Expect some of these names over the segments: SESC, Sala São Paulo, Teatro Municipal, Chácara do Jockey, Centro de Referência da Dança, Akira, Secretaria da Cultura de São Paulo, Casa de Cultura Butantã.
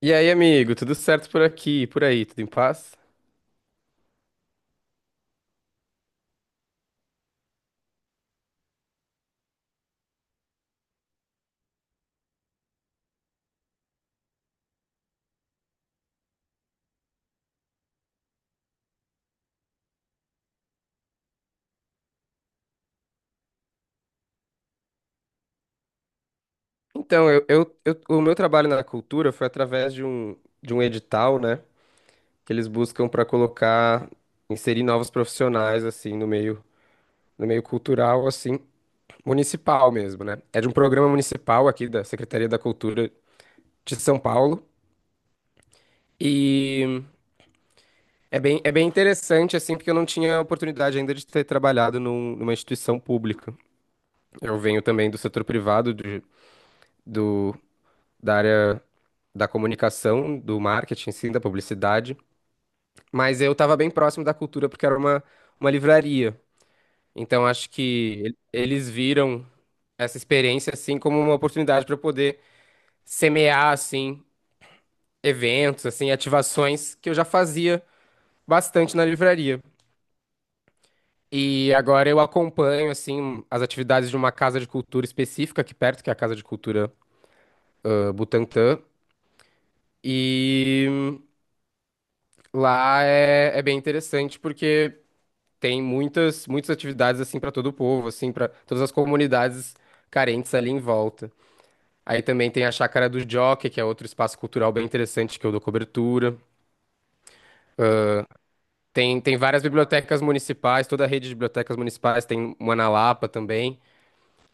E aí, amigo, tudo certo por aqui, e por aí, tudo em paz? Então, o meu trabalho na cultura foi através de um edital, né, que eles buscam para colocar, inserir novos profissionais, assim, no meio cultural, assim, municipal mesmo, né? É de um programa municipal aqui da Secretaria da Cultura de São Paulo e é bem interessante, assim, porque eu não tinha a oportunidade ainda de ter trabalhado numa instituição pública. Eu venho também do setor privado, do, da área da comunicação, do marketing, sim, da publicidade, mas eu estava bem próximo da cultura porque uma livraria. Então acho que eles viram essa experiência assim como uma oportunidade para eu poder semear assim eventos, assim ativações que eu já fazia bastante na livraria. E agora eu acompanho assim as atividades de uma casa de cultura específica aqui perto, que é a Casa de Cultura Butantã, e lá é bem interessante porque tem muitas atividades assim para todo o povo, assim, para todas as comunidades carentes ali em volta. Aí também tem a Chácara do Jockey, que é outro espaço cultural bem interessante que eu dou cobertura. Tem várias bibliotecas municipais, toda a rede de bibliotecas municipais tem uma na Lapa também,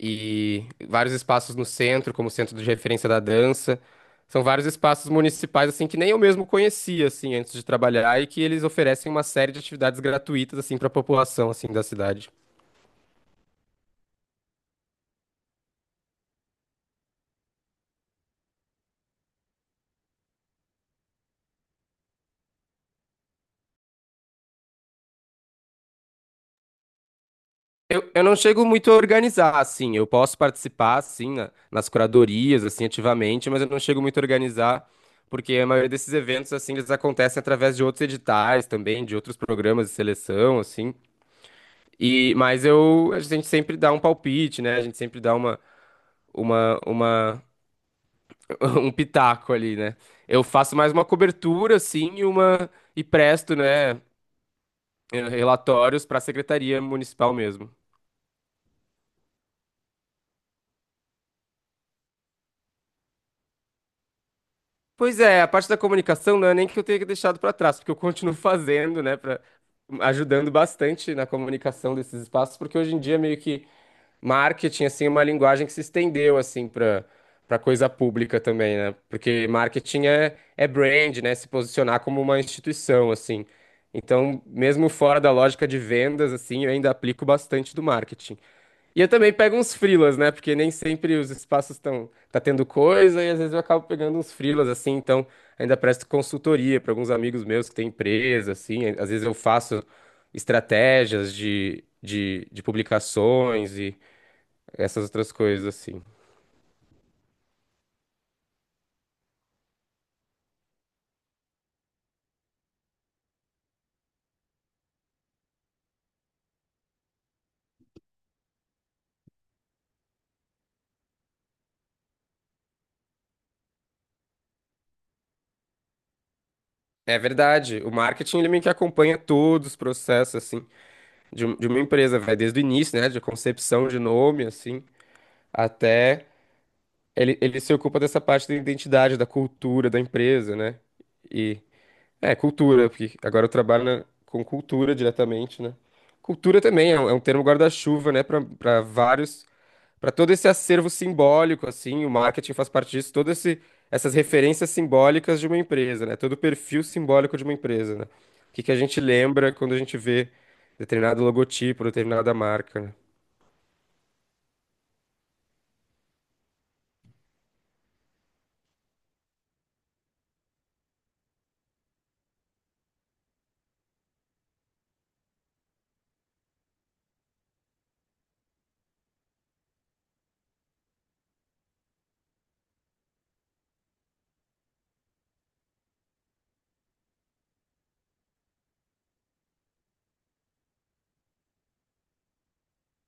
e vários espaços no centro, como o Centro de Referência da Dança. São vários espaços municipais assim que nem eu mesmo conhecia assim antes de trabalhar e que eles oferecem uma série de atividades gratuitas assim para a população assim da cidade. Eu não chego muito a organizar, assim. Eu posso participar, assim, nas curadorias, assim, ativamente, mas eu não chego muito a organizar, porque a maioria desses eventos, assim, eles acontecem através de outros editais também, de outros programas de seleção, assim. A gente sempre dá um palpite, né? A gente sempre dá uma, uma, um pitaco ali, né? Eu faço mais uma cobertura, assim, e presto, né, relatórios para a Secretaria Municipal mesmo. Pois é, a parte da comunicação não é nem que eu tenha deixado para trás, porque eu continuo fazendo, né, para ajudando bastante na comunicação desses espaços, porque hoje em dia meio que marketing assim é uma linguagem que se estendeu assim para coisa pública também, né? Porque marketing é brand, né, se posicionar como uma instituição assim. Então, mesmo fora da lógica de vendas assim, eu ainda aplico bastante do marketing. E eu também pego uns frilas, né? Porque nem sempre os espaços estão tá tendo coisa e às vezes eu acabo pegando uns frilas assim, então ainda presto consultoria para alguns amigos meus que têm empresa, assim, às vezes eu faço estratégias de publicações e essas outras coisas assim. É verdade, o marketing ele meio que acompanha todos os processos assim de uma empresa, vai desde o início, né, de concepção de nome assim, até ele se ocupa dessa parte da identidade, da cultura da empresa, né? E é cultura, porque agora eu trabalho com cultura diretamente, né? Cultura também é é um termo guarda-chuva, né? Para para todo esse acervo simbólico, assim, o marketing faz parte disso, todo esse essas referências simbólicas de uma empresa, né? Todo o perfil simbólico de uma empresa, né? O que que a gente lembra quando a gente vê determinado logotipo, determinada marca, né?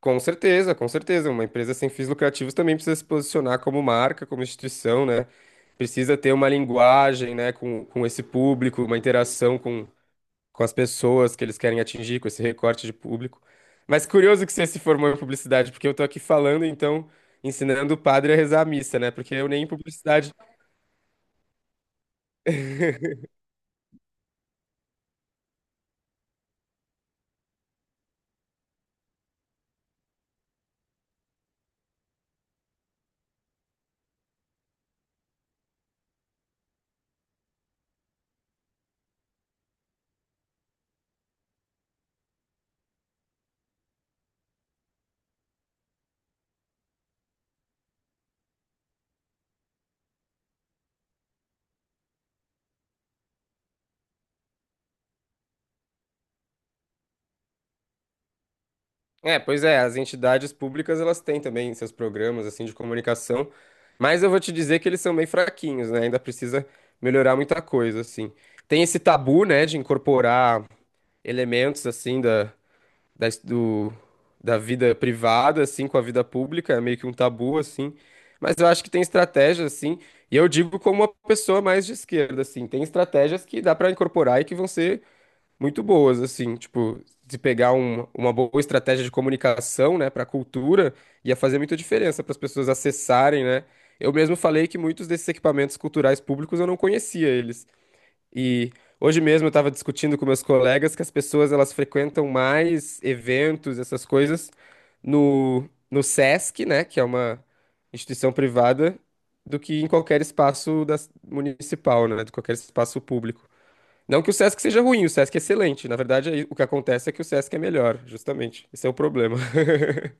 Com certeza, com certeza. Uma empresa sem fins lucrativos também precisa se posicionar como marca, como instituição, né? Precisa ter uma linguagem, né, com esse público, uma interação com as pessoas que eles querem atingir, com esse recorte de público. Mas curioso que você se formou em publicidade, porque eu tô aqui falando, então, ensinando o padre a rezar a missa, né? Porque eu nem em publicidade. É, pois é, as entidades públicas elas têm também seus programas assim de comunicação, mas eu vou te dizer que eles são meio fraquinhos, né? Ainda precisa melhorar muita coisa, assim. Tem esse tabu, né, de incorporar elementos assim da, do, da vida privada assim com a vida pública, é meio que um tabu assim. Mas eu acho que tem estratégias assim, e eu digo como uma pessoa mais de esquerda assim, tem estratégias que dá para incorporar e que vão ser muito boas, assim, tipo, de pegar uma boa estratégia de comunicação, né, para a cultura, ia fazer muita diferença para as pessoas acessarem, né? Eu mesmo falei que muitos desses equipamentos culturais públicos eu não conhecia eles. E hoje mesmo eu estava discutindo com meus colegas que as pessoas elas frequentam mais eventos, essas coisas, no SESC, né, que é uma instituição privada, do que em qualquer espaço municipal, né, de qualquer espaço público. Não que o Sesc seja ruim, o Sesc é excelente. Na verdade, aí o que acontece é que o Sesc é melhor, justamente. Esse é o problema.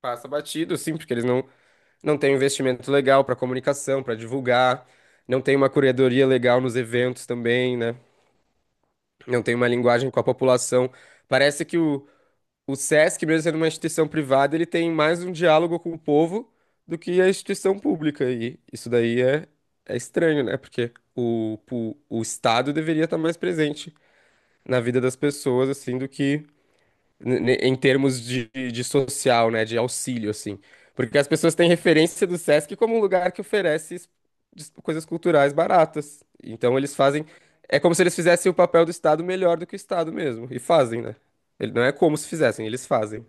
Passa batido, sim, porque eles não, não têm um investimento legal para comunicação, para divulgar, não tem uma curadoria legal nos eventos também, né? Não tem uma linguagem com a população. Parece que o Sesc, mesmo sendo uma instituição privada, ele tem mais um diálogo com o povo do que a instituição pública. E isso daí é estranho, né? Porque o Estado deveria estar mais presente na vida das pessoas, assim, do que em termos de social, né, de auxílio, assim. Porque as pessoas têm referência do Sesc como um lugar que oferece coisas culturais baratas. Então eles fazem. É como se eles fizessem o papel do Estado melhor do que o Estado mesmo. E fazem, né? Não é como se fizessem, eles fazem.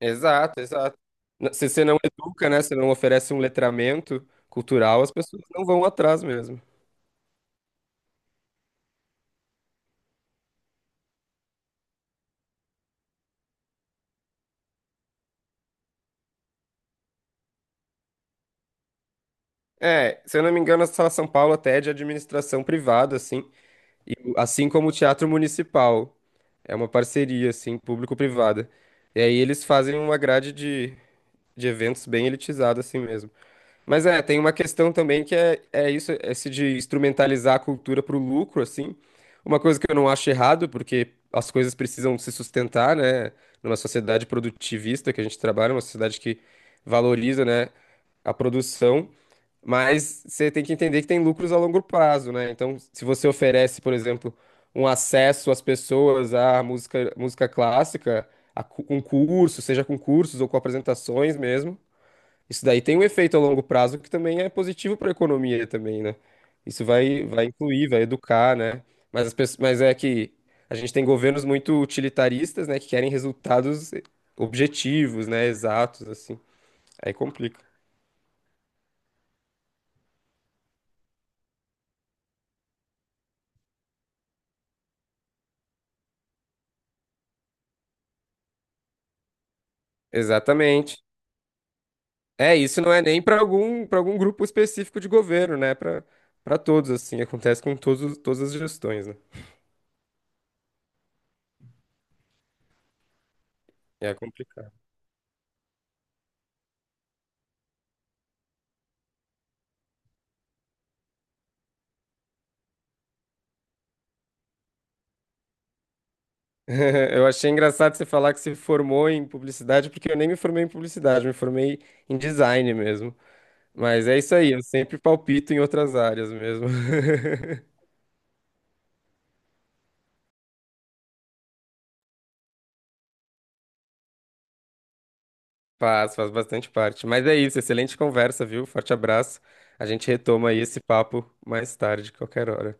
Exato, exato. Se você não educa, né, se não oferece um letramento cultural, as pessoas não vão atrás mesmo. É, se eu não me engano, a Sala São Paulo até é de administração privada, assim. E assim como o Teatro Municipal, é uma parceria, assim, público-privada. E aí eles fazem uma grade de eventos bem elitizada, assim mesmo. Mas é, tem uma questão também que é isso, é esse de instrumentalizar a cultura para o lucro, assim. Uma coisa que eu não acho errado, porque as coisas precisam se sustentar, né? Numa sociedade produtivista que a gente trabalha, uma sociedade que valoriza, né, a produção, mas você tem que entender que tem lucros a longo prazo, né? Então, se você oferece, por exemplo, um acesso às pessoas à música, música clássica, com cursos, seja com cursos ou com apresentações mesmo, isso daí tem um efeito a longo prazo que também é positivo para a economia também, né? Isso vai, vai incluir, vai educar, né? Mas, as pessoas, mas é que a gente tem governos muito utilitaristas, né, que querem resultados objetivos, né, exatos, assim. Aí complica. Exatamente. É, isso não é nem para algum, para algum grupo específico de governo, né? Para todos, assim. Acontece com todos, todas as gestões, né? É complicado. Eu achei engraçado você falar que se formou em publicidade, porque eu nem me formei em publicidade, eu me formei em design mesmo. Mas é isso aí, eu sempre palpito em outras áreas mesmo. Faz, faz bastante parte. Mas é isso, excelente conversa, viu? Forte abraço. A gente retoma aí esse papo mais tarde, qualquer hora.